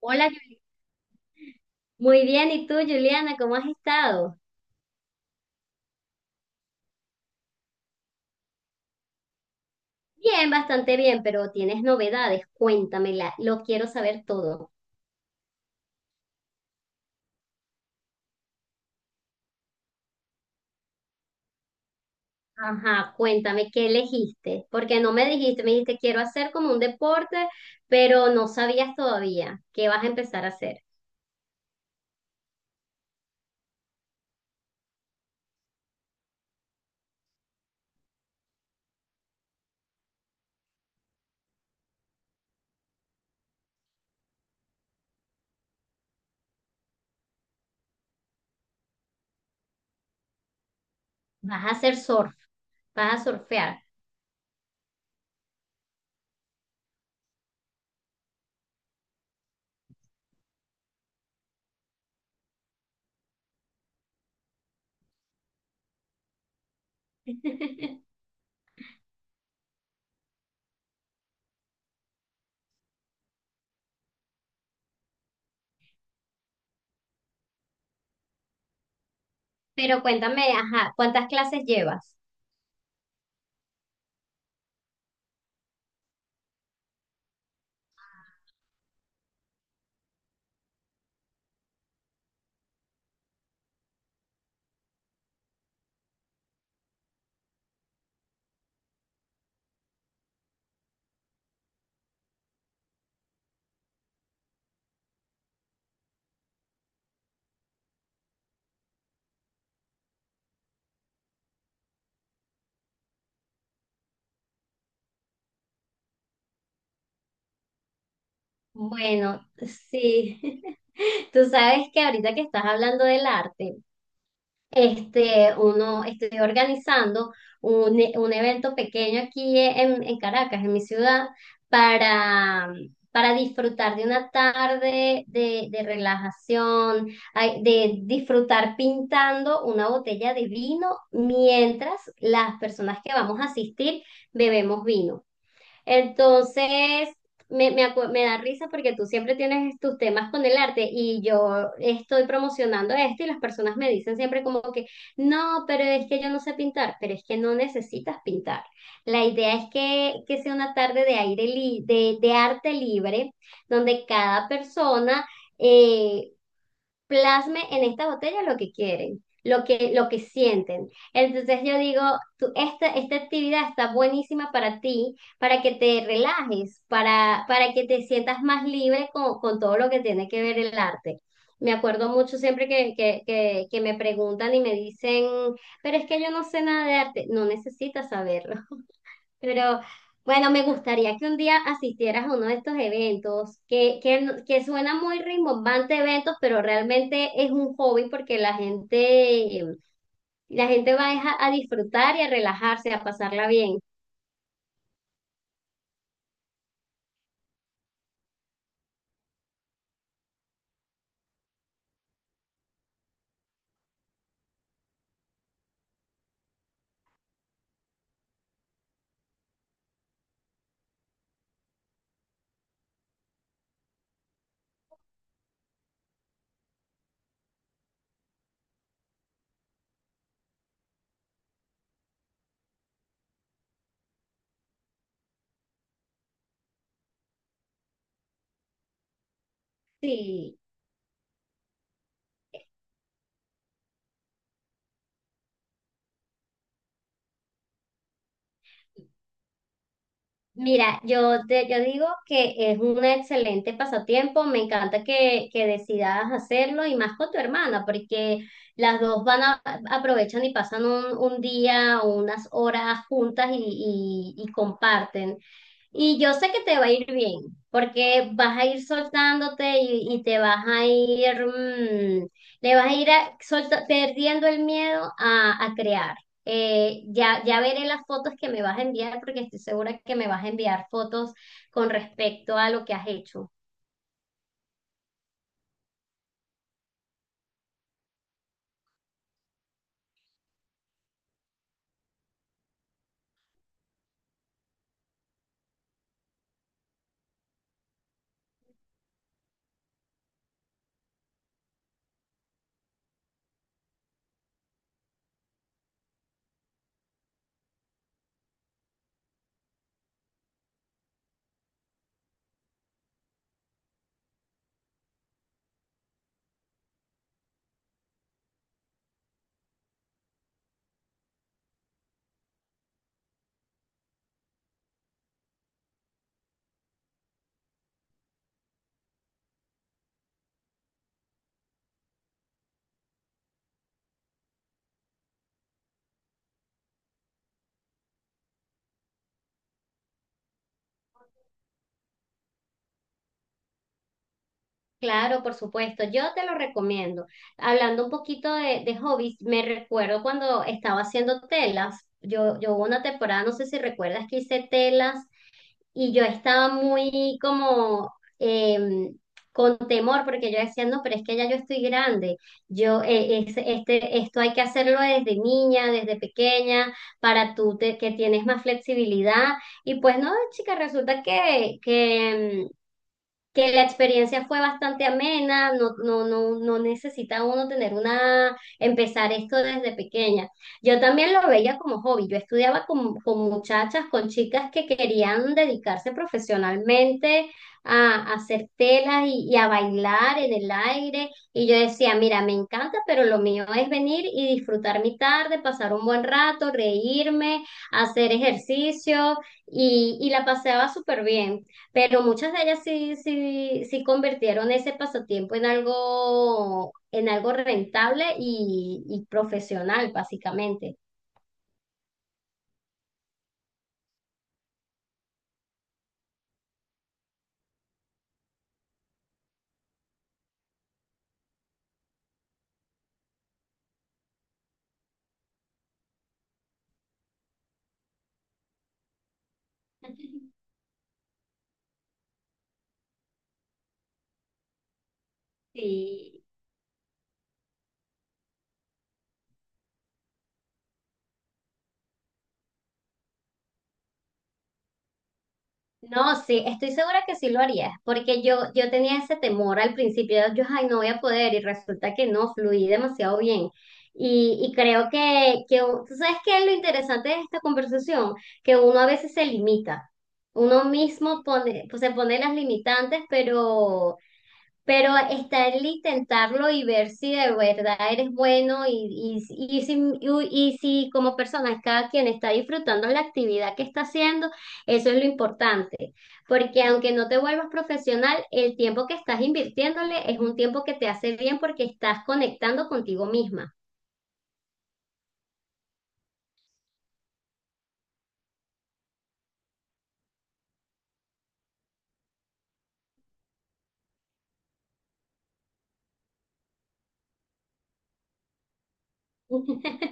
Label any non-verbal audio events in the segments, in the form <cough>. Hola, muy bien. ¿Y tú, Juliana, cómo has estado? Bien, bastante bien, pero tienes novedades. Cuéntamela, lo quiero saber todo. Ajá, cuéntame qué elegiste, porque no me dijiste, me dijiste quiero hacer como un deporte, pero no sabías todavía qué vas a empezar a hacer. Vas a hacer surf, vas a surfear. <laughs> Pero cuéntame, ajá, ¿cuántas clases llevas? Bueno, sí. <laughs> Tú sabes que ahorita que estás hablando del arte. Este, uno, estoy organizando un evento pequeño aquí en Caracas, en mi ciudad, para, para disfrutar de una tarde de relajación, ay, de disfrutar pintando una botella de vino mientras las personas que vamos a asistir bebemos vino. Entonces, me da risa porque tú siempre tienes tus temas con el arte y yo estoy promocionando esto y las personas me dicen siempre como que, no, pero es que yo no sé pintar, pero es que no necesitas pintar. La idea es que sea una tarde de de arte libre, donde cada eh, plasme en esta botella lo que quieren, lo que sienten. Entonces yo digo, esta actividad está buenísima para ti, para que te relajes, para que te sientas más libre con todo lo que tiene que ver el arte. Me acuerdo mucho siempre que me preguntan y me dicen, pero es que yo no sé nada de arte. No necesitas saberlo. Pero bueno, me gustaría que un día asistieras a uno de estos eventos, que, no- que suena muy rimbombante eventos, pero realmente es un hobby porque la gente va es a disfrutar y a relajarse, a pasarla bien. Sí. Mira, yo te yo digo que es un excelente pasatiempo, me encanta que decidas hacerlo y más con tu hermana, porque las dos van a aprovechan y pasan un día o unas horas juntas y y comparten. Y yo sé que te va a ir bien, porque vas a ir soltándote y te vas a ir, le vas a ir perdiendo el miedo a crear. Ya ya veré las fotos que me vas a enviar porque estoy segura que me vas a enviar fotos con respecto a lo que has hecho. Claro, por supuesto, yo te lo recomiendo. Hablando un poquito de hobbies, me recuerdo cuando estaba haciendo telas. Yo hubo una temporada, no sé si recuerdas que hice telas. Y yo estaba muy como em, con temor porque yo decía, no, pero es que ya yo estoy grande, esto hay que hacerlo desde niña, desde pequeña, para que tienes más flexibilidad. Y pues no, chica, resulta que que la experiencia fue bastante amena, no, no, no, no necesita uno tener una, empezar esto desde pequeña. Yo también lo veía como hobby, yo estudiaba con muchachas, con chicas que querían dedicarse profesionalmente a hacer telas y a bailar en el aire, y yo decía, mira, me encanta, pero lo mío es venir y disfrutar mi tarde, pasar un buen rato, reírme, hacer ejercicio, y la paseaba súper bien. Pero muchas de ellas sí, sí, sí convirtieron ese pasatiempo en algo rentable y profesional, básicamente. <laughs> Sí. No, sí, estoy segura que sí lo harías, porque yo tenía ese temor al principio, yo, ay, no voy a poder, y resulta que no, fluí demasiado bien. Y creo que ¿tú sabes qué es lo interesante de esta conversación? Que uno a veces se limita, uno mismo pone, pues, se pone las limitantes, pero está el intentarlo y ver si de verdad eres bueno y y si como persona cada quien está disfrutando la actividad que está haciendo, eso es lo importante. Porque aunque no te vuelvas profesional, el tiempo que estás invirtiéndole es un tiempo que te hace bien porque estás conectando contigo misma. <laughs>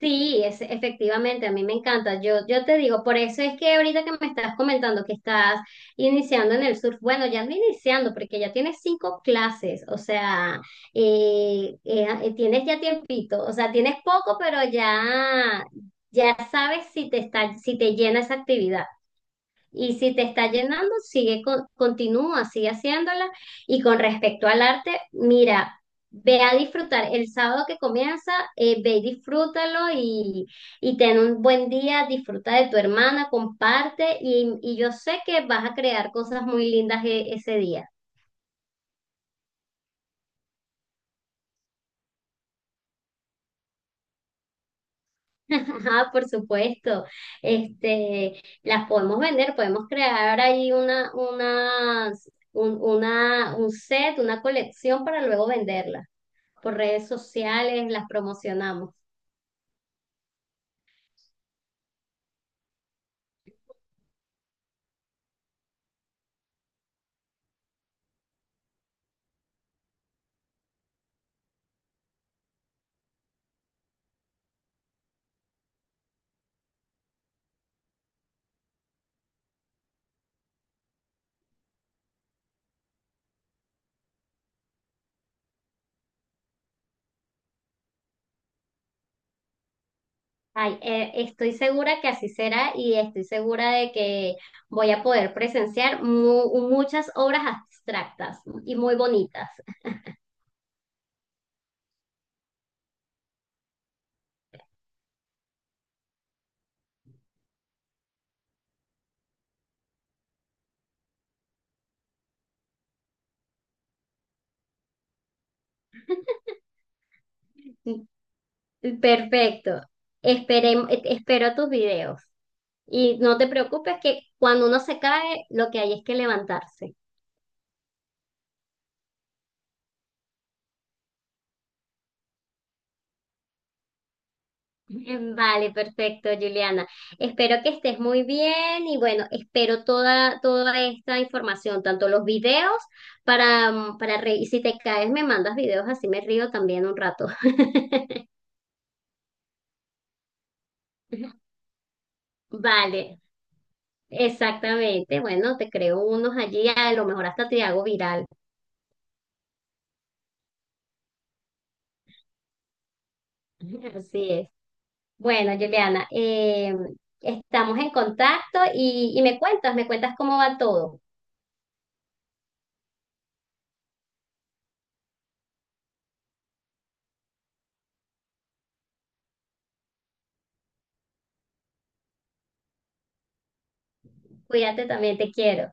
Sí, es, efectivamente, a mí me encanta. Yo te digo, por eso es que ahorita que me estás comentando que estás iniciando en el surf, bueno, ya no iniciando, porque ya tienes cinco clases, o sea, tienes ya tiempito, o sea, tienes poco, pero ya sabes si te si te llena esa actividad. Y si te está llenando, sigue, continúa, sigue haciéndola. Y con respecto al arte, mira, ve a disfrutar el sábado que comienza, ve y disfrútalo y ten un buen día, disfruta de tu hermana, comparte y yo sé que vas a crear cosas muy lindas ese día. <laughs> Ajá, por supuesto. Este, las podemos vender, podemos crear ahí una, unas- un, una, un set, una colección para luego venderla por redes sociales, las promocionamos. Ay, estoy segura que así será y estoy segura de que voy a poder presenciar muchas obras abstractas y muy bonitas. Perfecto. Espero tus videos. Y no te preocupes que cuando uno se cae, lo que hay es que levantarse. <laughs> Vale, perfecto, Juliana. Espero que estés muy bien y bueno, espero toda esta información, tanto los videos para, para reír. Si te caes, me mandas videos, así me río también un rato. <laughs> Vale, exactamente. Bueno, te creo unos allí, a lo mejor hasta te hago viral. <laughs> Así es. Bueno, Juliana, estamos en contacto y me cuentas cómo va todo. Cuídate también, te quiero.